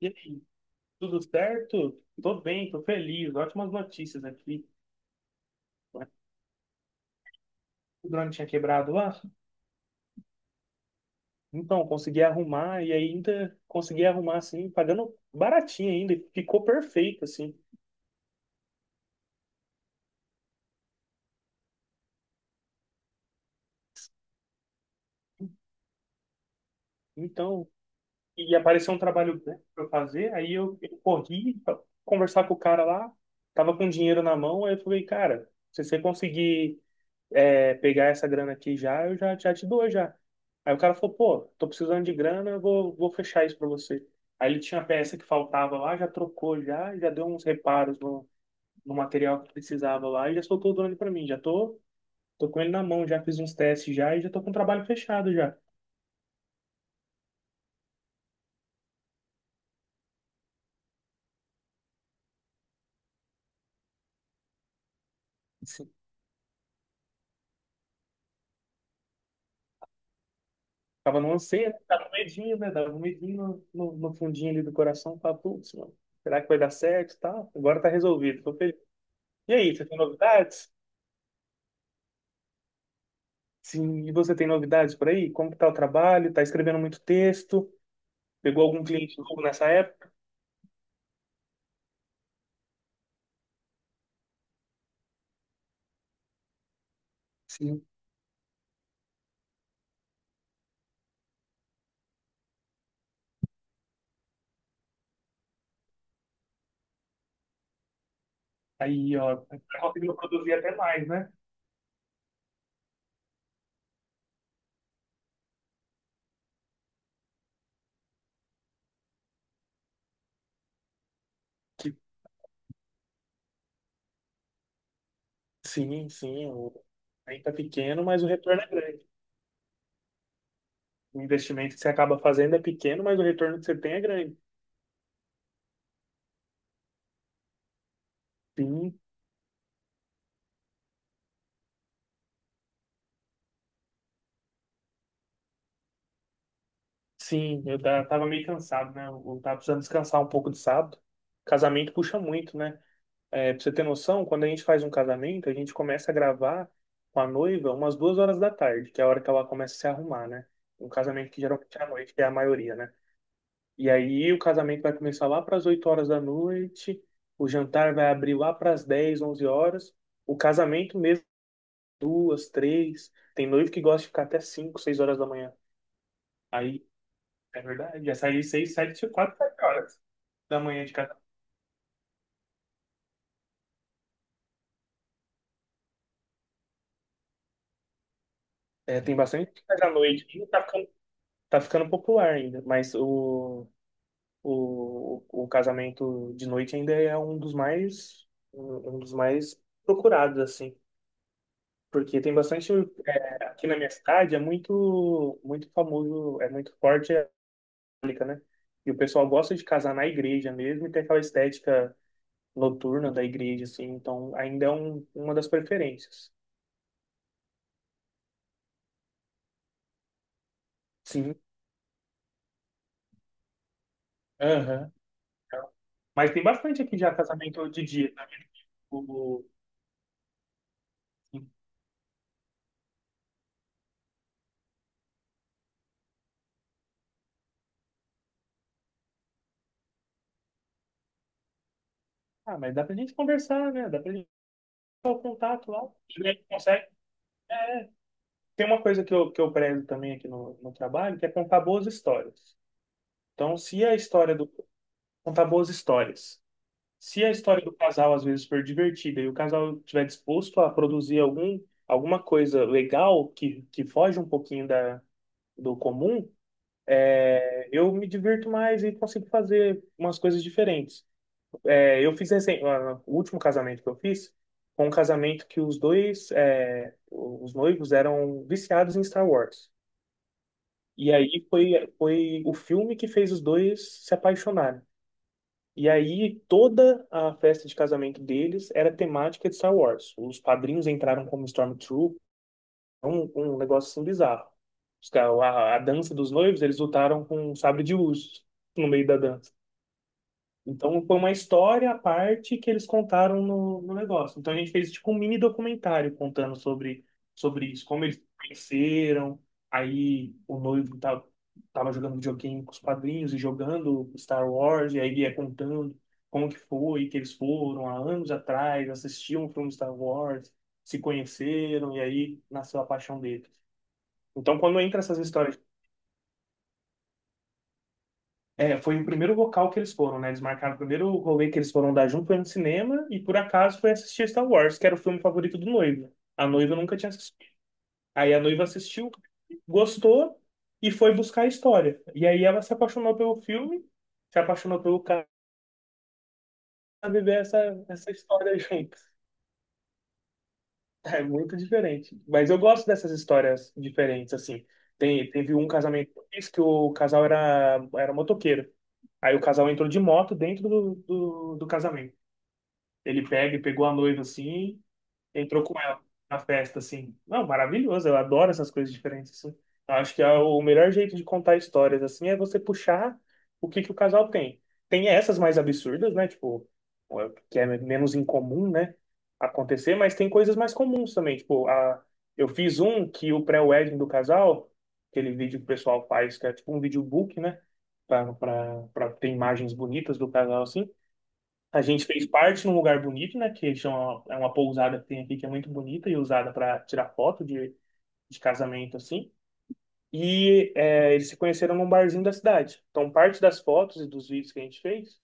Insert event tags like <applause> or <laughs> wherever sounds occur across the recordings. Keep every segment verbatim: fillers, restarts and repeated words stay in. E aí, tudo certo? Tô bem, tô feliz. Ótimas notícias aqui. O drone tinha quebrado lá. Então, consegui arrumar e ainda consegui arrumar assim, pagando baratinho ainda. E Ficou perfeito, assim. Então, e apareceu um trabalho né, pra eu fazer. Aí eu, eu corri pra conversar com o cara lá. Tava com dinheiro na mão. Aí eu falei, cara, se você conseguir é, pegar essa grana aqui já, eu já, já te dou já. Aí o cara falou, pô, tô precisando de grana, eu vou, vou fechar isso pra você. Aí ele tinha a peça que faltava lá, já trocou já, já deu uns reparos no, no material que precisava lá e já soltou o drone pra mim. Já tô, tô com ele na mão, já fiz uns testes já e já tô com o trabalho fechado já. Sim. Tava no anseio, né? Tava com medinho, né? Tava um medinho no, no, no fundinho ali do coração, tava, putz, mano, será que vai dar certo e tal? Agora tá resolvido, tô feliz. E aí, você tem novidades? Sim, e você tem novidades por aí? Como que tá o trabalho? Tá escrevendo muito texto? Pegou algum cliente novo nessa época? Sim. Aí, ó, tá conseguindo produzir até mais, né? Que- sim, sim. O... ainda tá pequeno, mas o retorno é grande. O investimento que você acaba fazendo é pequeno, mas o retorno que você tem é grande. Sim, sim. Eu ta- tava meio cansado, né? Eu tava precisando descansar um pouco de sábado. Casamento puxa muito, né? É, pra você ter noção, quando a gente faz um casamento, a gente começa a gravar com a noiva umas duas horas da tarde, que é a hora que ela começa a se arrumar, né? Um casamento que geralmente é à noite, que é a maioria, né? E aí o casamento vai começar lá para as oito horas da noite, o jantar vai abrir lá para as dez, onze horas, o casamento mesmo, duas, três. Tem noivo que gosta de ficar até cinco, seis horas da manhã. Aí, é verdade, já aí seis, sete, quatro, sete horas da manhã de casamento. É, tem bastante coisa à noite, e tá ficando tá ficando popular ainda, mas o, o, o casamento de noite ainda é um dos mais um um dos mais procurados assim, porque tem bastante é, aqui na minha cidade é muito muito famoso, é muito forte a católica, né? E o pessoal gosta de casar na igreja mesmo e tem aquela estética noturna da igreja assim, então ainda é um, uma das preferências. Sim. Aham. Mas tem bastante aqui já casamento de dia, tá vendo? O- Ah, mas dá pra gente conversar, né? Dá pra gente ter o contato lá. E aí consegue. Tem uma coisa que eu, que eu prezo também aqui no, no trabalho, que é contar boas histórias. Então, se a história do... Contar boas histórias. Se a história do casal, às vezes, for divertida e o casal estiver disposto a produzir algum, alguma coisa legal que, que foge um pouquinho da, do comum, eh, eu me divirto mais e consigo fazer umas coisas diferentes. É, eu fiz recen- ah, o último casamento que eu fiz foi um casamento que os dois, é, os noivos eram viciados em Star Wars. E aí foi, foi o filme que fez os dois se apaixonarem. E aí toda a festa de casamento deles era temática de Star Wars. Os padrinhos entraram como Stormtrooper, um, um negócio assim bizarro. Os caras- A, a dança dos noivos, eles lutaram com um sabre de luz no meio da dança. Então foi uma história à parte que eles contaram no, no negócio. Então a gente fez tipo um mini documentário contando sobre, sobre isso, como eles conheceram, aí o noivo tava, tava jogando videogame com os padrinhos e jogando Star Wars, e aí ia contando como que foi, que eles foram há anos atrás, assistiam o filme Star Wars, se conheceram, e aí nasceu a paixão deles. Então quando entra essas histórias é, foi o primeiro local que eles foram, né? Eles marcaram o primeiro rolê que eles foram dar junto, foi no cinema, e por acaso foi assistir Star Wars, que era o filme favorito do noivo. A noiva nunca tinha assistido. Aí a noiva assistiu, gostou, e foi buscar a história. E aí ela se apaixonou pelo filme, se apaixonou pelo cara, pra viver essa, essa história <laughs> junto. É muito diferente. Mas eu gosto dessas histórias diferentes, assim. Tem, teve um casamento que eu fiz que o casal era, era motoqueiro. Aí o casal entrou de moto dentro do, do do casamento. Ele pega e pegou a noiva assim, entrou com ela na festa assim. Não, maravilhoso, eu adoro essas coisas diferentes assim. Eu acho que é o melhor jeito de contar histórias assim é você puxar o que que o casal tem. Tem essas mais absurdas, né? Tipo, que é menos incomum, né? Acontecer, mas tem coisas mais comuns também. Tipo, a, eu fiz um que o pré-wedding do casal, aquele vídeo que o pessoal faz, que é tipo um videobook, né? Pra, pra, pra ter imagens bonitas do casal assim. A gente fez parte num lugar bonito, né? Que chama, é uma pousada que tem aqui que é muito bonita e usada para tirar foto de, de casamento, assim. E é, eles se conheceram num barzinho da cidade. Então, parte das fotos e dos vídeos que a gente fez.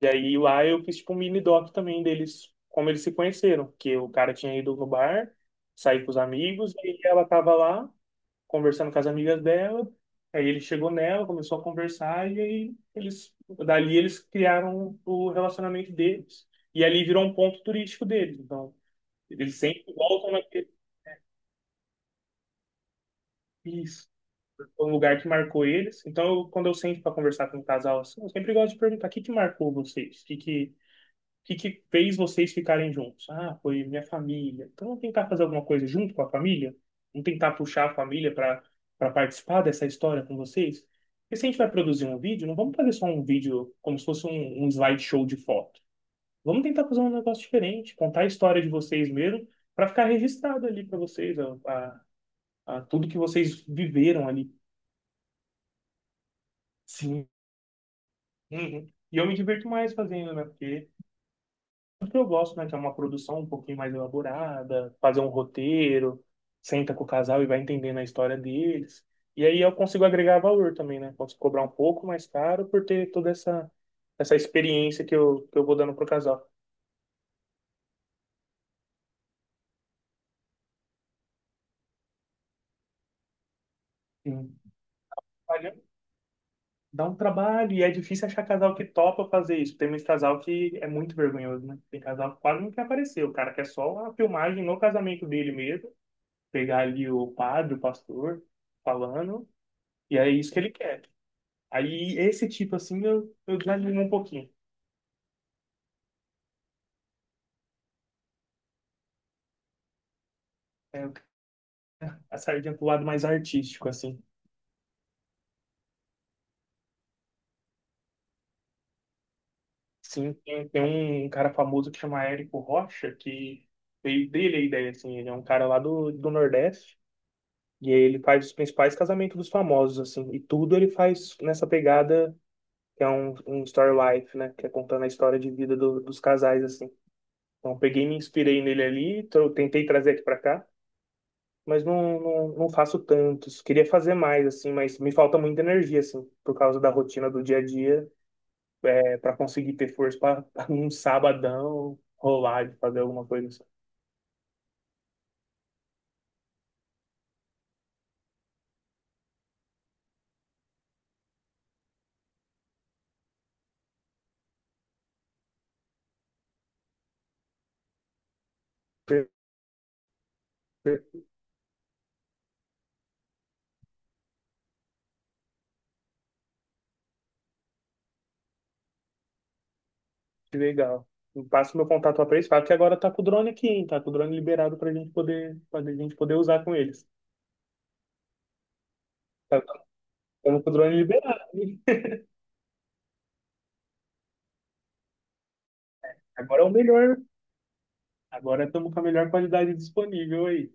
E aí lá eu fiz tipo um mini doc também deles, como eles se conheceram. Que o cara tinha ido no bar, sair com os amigos, e ela tava lá conversando com as amigas dela. Aí ele chegou nela, começou a conversar e aí eles, dali eles criaram o relacionamento deles. E ali virou um ponto turístico deles. Então, eles sempre voltam naquele isso, é um lugar que marcou eles. Então, eu- quando eu sento para conversar com um casal assim, eu sempre gosto de perguntar o que que marcou vocês? O que que que, que fez vocês ficarem juntos? Ah, foi minha família. Então, vamos tentar fazer alguma coisa junto com a família? Vamos tentar puxar a família para para participar dessa história com vocês? Porque se a gente vai produzir um vídeo, não vamos fazer só um vídeo como se fosse um, um slideshow de foto. Vamos tentar fazer um negócio diferente, contar a história de vocês mesmo, para ficar registrado ali para vocês, a, a- a tudo que vocês viveram ali. Sim. Uhum. E eu me diverto mais fazendo, né? Porque que eu gosto, né? Que é uma produção um pouquinho mais elaborada, fazer um roteiro, senta com o casal e vai entendendo a história deles. E aí eu consigo agregar valor também, né? Posso cobrar um pouco mais caro por ter toda essa, essa experiência que eu, que eu vou dando pro casal. Sim. Olha, dá um trabalho e é difícil achar casal que topa fazer isso. Tem muito casal que é muito vergonhoso, né? Tem casal que quase não quer aparecer. O cara quer só a filmagem no casamento dele mesmo, pegar ali o padre, o pastor falando, e é isso que ele quer. Aí esse tipo, assim, eu, eu desanimo um pouquinho. É, a sardinha pro lado mais artístico, assim. Sim, tem, tem um um cara famoso que chama Érico Rocha, que veio dele a ideia, assim. Ele é um cara lá do, do Nordeste, e aí ele faz os principais casamentos dos famosos, assim. E tudo ele faz nessa pegada, que é um, um story life, né? Que é contando a história de vida do- dos casais, assim. Então, peguei e me inspirei nele ali, então eu tentei trazer aqui pra cá. mas não, não, não faço tantos. Queria fazer mais, assim, mas me falta muita energia, assim, por causa da rotina do dia a dia, é, para conseguir ter força para <laughs> um sabadão rolar de fazer alguma coisa assim. Per- per- Que legal. Eu passo meu contato para eles, falo que agora tá com o drone aqui, hein? Tá com o drone liberado pra gente poder, pra gente poder usar com eles. Tá, tá- tamo com o drone liberado, hein? Agora é o melhor. Agora estamos com a melhor qualidade disponível aí.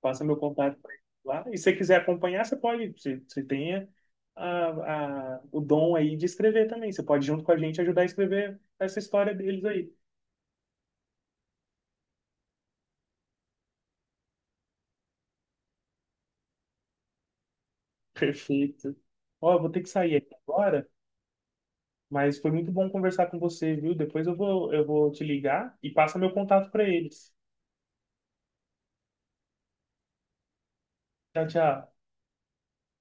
Passa meu contato pra ele lá. E se você quiser acompanhar, você pode, você, você tem a, a, o dom aí de escrever também. Você pode, junto com a gente, ajudar a escrever essa história deles aí. Perfeito. Ó, eu vou ter que sair aqui agora, mas foi muito bom conversar com você, viu? Depois eu vou, eu vou te ligar e passa meu contato para eles. Tchau, tchau.